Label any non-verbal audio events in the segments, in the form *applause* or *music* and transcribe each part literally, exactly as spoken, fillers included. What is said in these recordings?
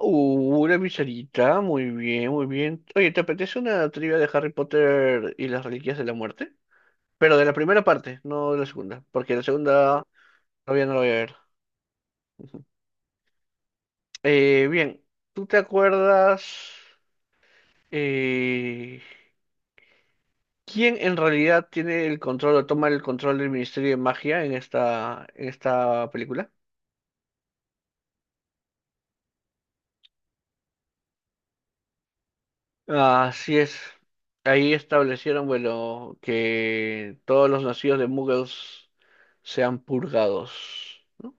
Uh, una pizarita, muy bien, muy bien. Oye, ¿te apetece una trivia de Harry Potter y las Reliquias de la Muerte? Pero de la primera parte, no de la segunda, porque la segunda todavía no la voy a ver. Eh, bien, ¿tú te acuerdas eh, quién en realidad tiene el control o toma el control del Ministerio de Magia en esta, en esta película? Así es. Ahí establecieron, bueno, que todos los nacidos de Muggles sean purgados, ¿no?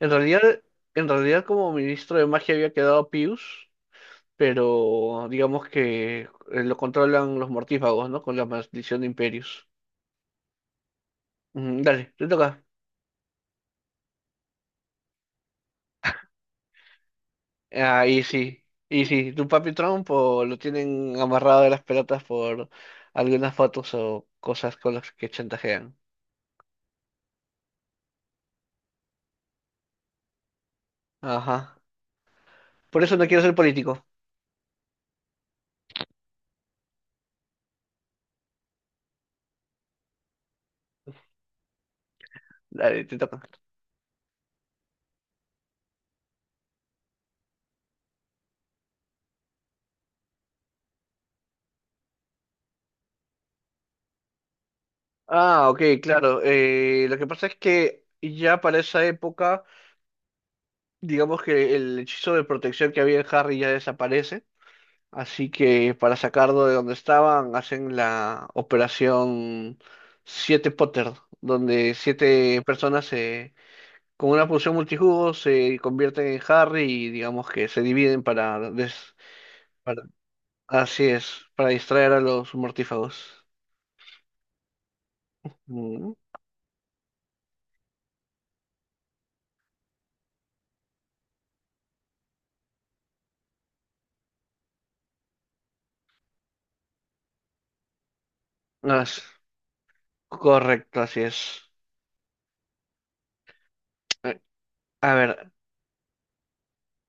En realidad, en realidad como ministro de magia había quedado Pius, pero digamos que eh, lo controlan los mortífagos, ¿no? Con la maldición de Imperius. Ujú, dale, te toca. Ahí sí. Y sí, tu papi Trump o lo tienen amarrado de las pelotas por algunas fotos o cosas con las que chantajean. Ajá. Por eso no quiero ser político. Dale, te toca. Ah, ok, claro. Eh, lo que pasa es que ya para esa época, digamos que el hechizo de protección que había en Harry ya desaparece. Así que para sacarlo de donde estaban, hacen la operación Siete Potter, donde siete personas se, con una poción multijugo se convierten en Harry y digamos que se dividen para, des- para- así es, para distraer a los mortífagos. Mm. As- Correcto, así es. Eh, A ver,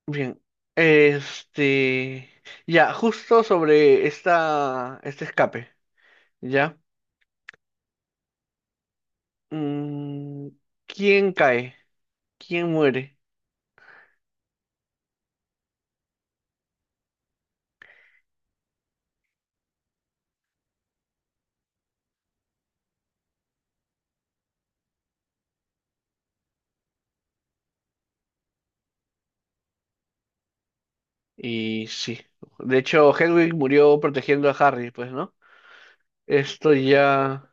bien. Este, ya, justo sobre esta, este escape, ¿ya? Mm, ¿quién cae? ¿Quién muere? Y sí. De hecho, Hedwig murió protegiendo a Harry, pues, ¿no? Esto ya...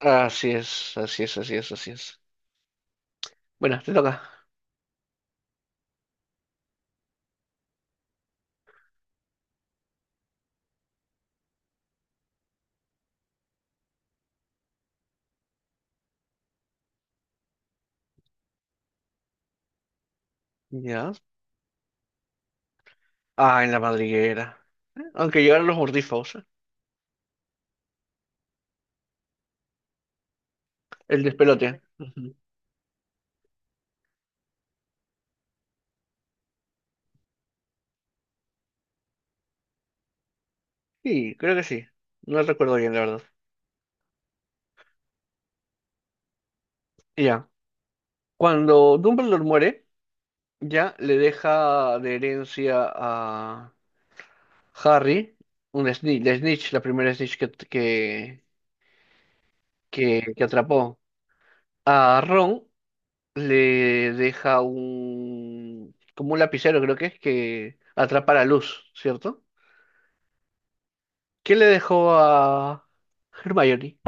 Así es, así es, así es, así es. Bueno, te toca. Ya. Ah, en la madriguera. Aunque llegaron los mordiscos, el despelote. Ujú. Sí, creo que sí. No recuerdo bien, la verdad. Ya, cuando Dumbledore muere, ya le deja de herencia a Harry un Snitch, la Snitch, la primera Snitch que, que, que, que atrapó. A Ron le deja un, como un lapicero, creo que es, que atrapa la luz, ¿cierto? ¿Qué le dejó a Hermione?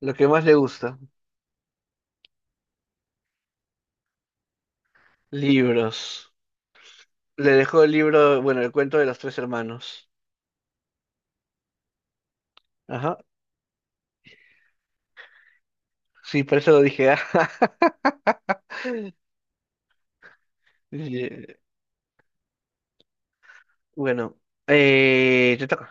Lo que más le gusta, libros. Le dejó el libro, bueno, el cuento de los tres hermanos. Ajá, sí, por eso lo dije. *laughs* Ye- Bueno, eh, te toca.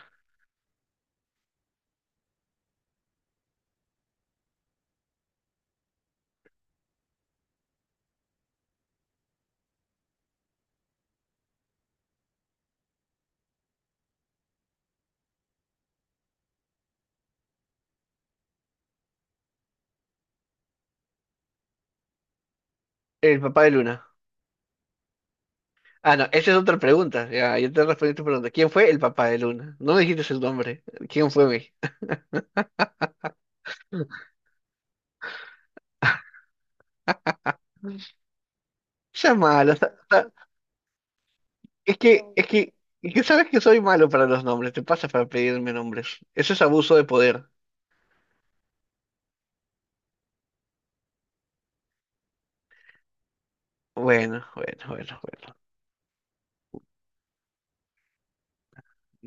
El papá de Luna. Ah, no, esa es otra pregunta. Ya, yo te respondí tu pregunta. ¿Quién fue el papá de Luna? No me dijiste el nombre. ¿Quién fue mi? *laughs* Sea malo. O sea, o sea, es que, es que, es que sabes que soy malo para los nombres. Te pasa para pedirme nombres. Eso es abuso de poder. Bueno, bueno, bueno, bueno.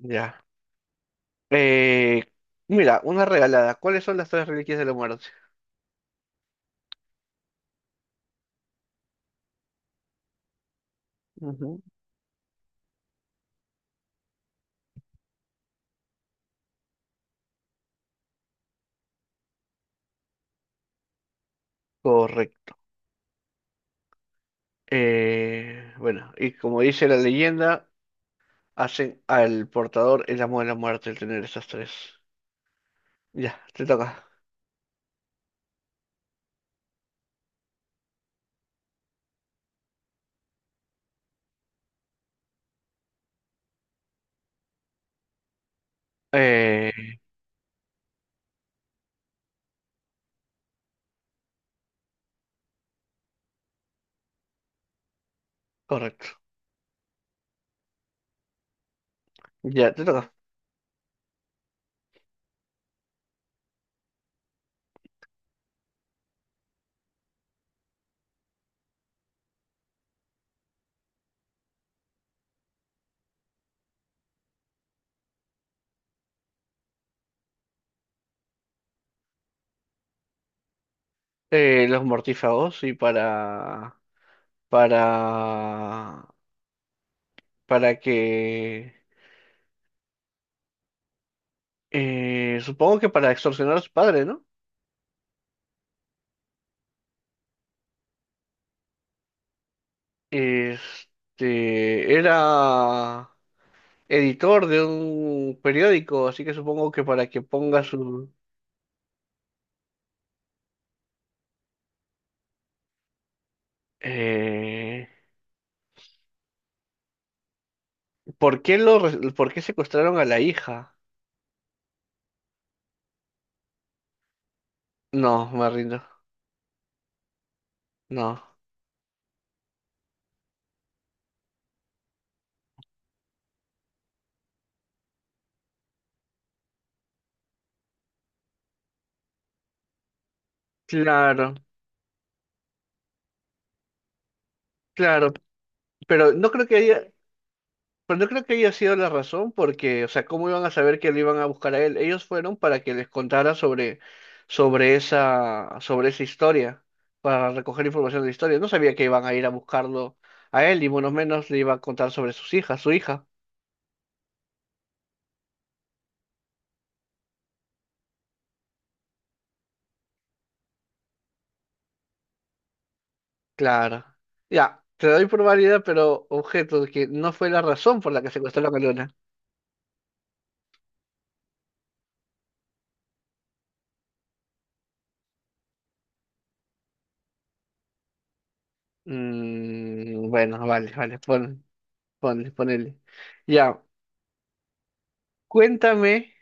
Ya. Eh, Mira, una regalada. ¿Cuáles son las tres reliquias de la muerte? Ujú. Correcto. Eh, bueno, y como dice la leyenda. Hacen al portador el amo de la muerte el tener esas tres. Ya, te toca. Eh, Correcto. Ya, te toca. Eh, los mortífagos y para... Para... Para que... eh, supongo que para extorsionar a su padre, ¿no? Este... Era editor de un periódico, así que supongo que para que ponga su... Eh, ¿Por qué lo, re- por qué secuestraron a la hija? No, me rindo. No. Claro, claro, pero no creo que haya, pero no creo que haya sido la razón, porque, o sea, ¿cómo iban a saber que lo iban a buscar a él? Ellos fueron para que les contara sobre, sobre esa, sobre esa historia, para recoger información de la historia. No sabía que iban a ir a buscarlo a él, y menos menos le iba a contar sobre sus hijas, su hija. Claro. Ya, te doy por válida, pero objeto de que no fue la razón por la que secuestró a la Luna. Mm, bueno, vale, vale, pon, ponle, ponele. Ya, cuéntame.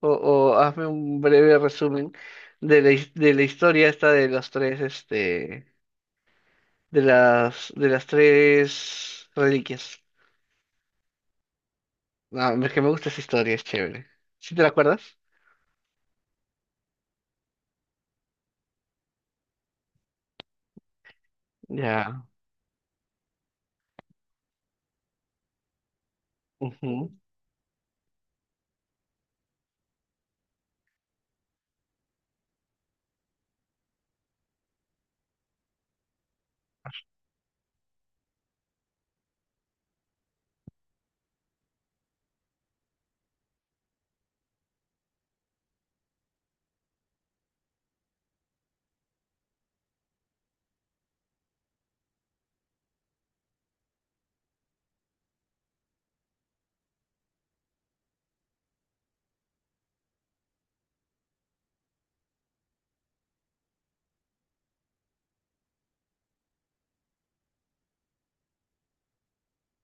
O, o hazme un breve resumen de la, his- de la historia esta de los tres, este, de las, de las tres reliquias. Ah, es que me gusta esa historia, es chévere. ¿Sí te la acuerdas? Ya. Ujú,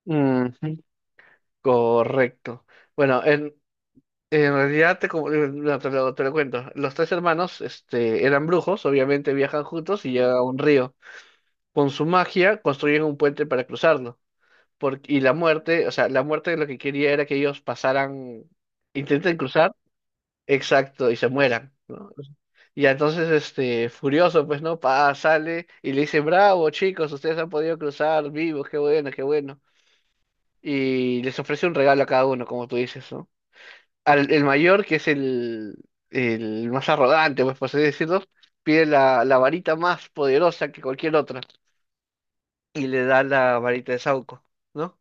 ujú, correcto. Bueno, en, en realidad te, como- eh, no, te lo, te lo cuento. Los tres hermanos, este, eran brujos, obviamente viajan juntos y llegan a un río. Con su magia construyen un puente para cruzarlo. Porque, y la muerte, o sea, la muerte lo que quería era que ellos pasaran, intenten cruzar, exacto, y se mueran, ¿no? Y entonces, este, furioso, pues, ¿no? Pa, sale y le dice, bravo, chicos, ustedes han podido cruzar vivos, qué bueno, qué bueno. Y les ofrece un regalo a cada uno, como tú dices, ¿no? Al, el mayor, que es el, el más arrogante, pues, por así decirlo, pide la, la varita más poderosa que cualquier otra y le da la varita de Sauco, ¿no?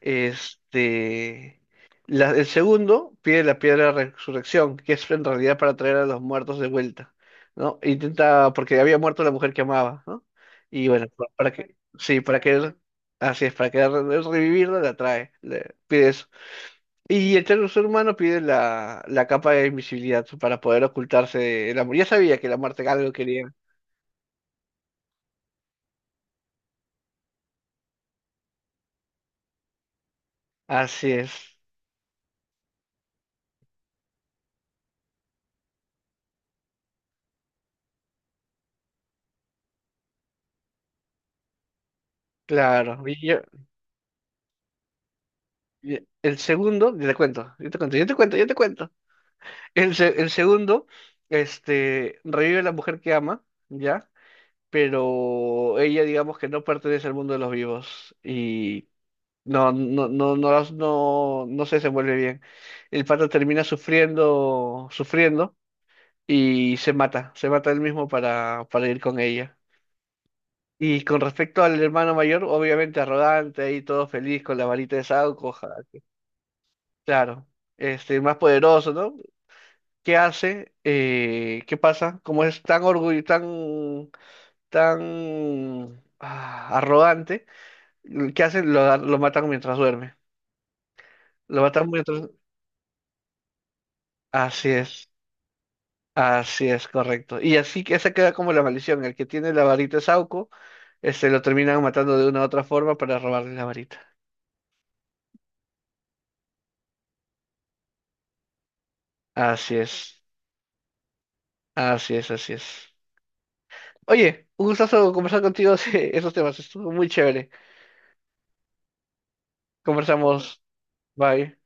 Este, la- el segundo pide la piedra de resurrección, que es en realidad para traer a los muertos de vuelta, ¿no? Intenta, porque había muerto la mujer que amaba, ¿no? Y bueno, pa- para que, sí, para que, así es, para que re- revivirla la trae, le pide eso. Y el tercer humano pide la, la capa de invisibilidad para poder ocultarse del amor. Ya sabía que la muerte algo quería. Así es, claro. Y yo- y el segundo, yo te cuento, yo te cuento, yo te cuento, yo te cuento. El, se- el segundo, este, revive a la mujer que ama, ¿ya? Pero ella, digamos que no pertenece al mundo de los vivos y no, no, no, no, las- no, no se desenvuelve bien. El pato termina sufriendo, sufriendo y se mata, se mata él mismo para, para ir con ella. Y con respecto al hermano mayor, obviamente arrogante, ahí todo feliz con la varita de Sauco, ja- claro, este, más poderoso, ¿no? Qué hace, eh, qué pasa, como es tan orgullo, tan, tan ah, arrogante, ¿qué hacen? Lo, lo matan mientras duerme. Lo matan mientras... Así es, así es, correcto. Y así que esa queda como la maldición. El que tiene la varita de Sauco, este, lo terminan matando de una u otra forma para robarle la varita. Así es, así es, así es. Oye, un gustazo conversar contigo *laughs* de esos temas. Estuvo muy chévere. Conversamos. Bye.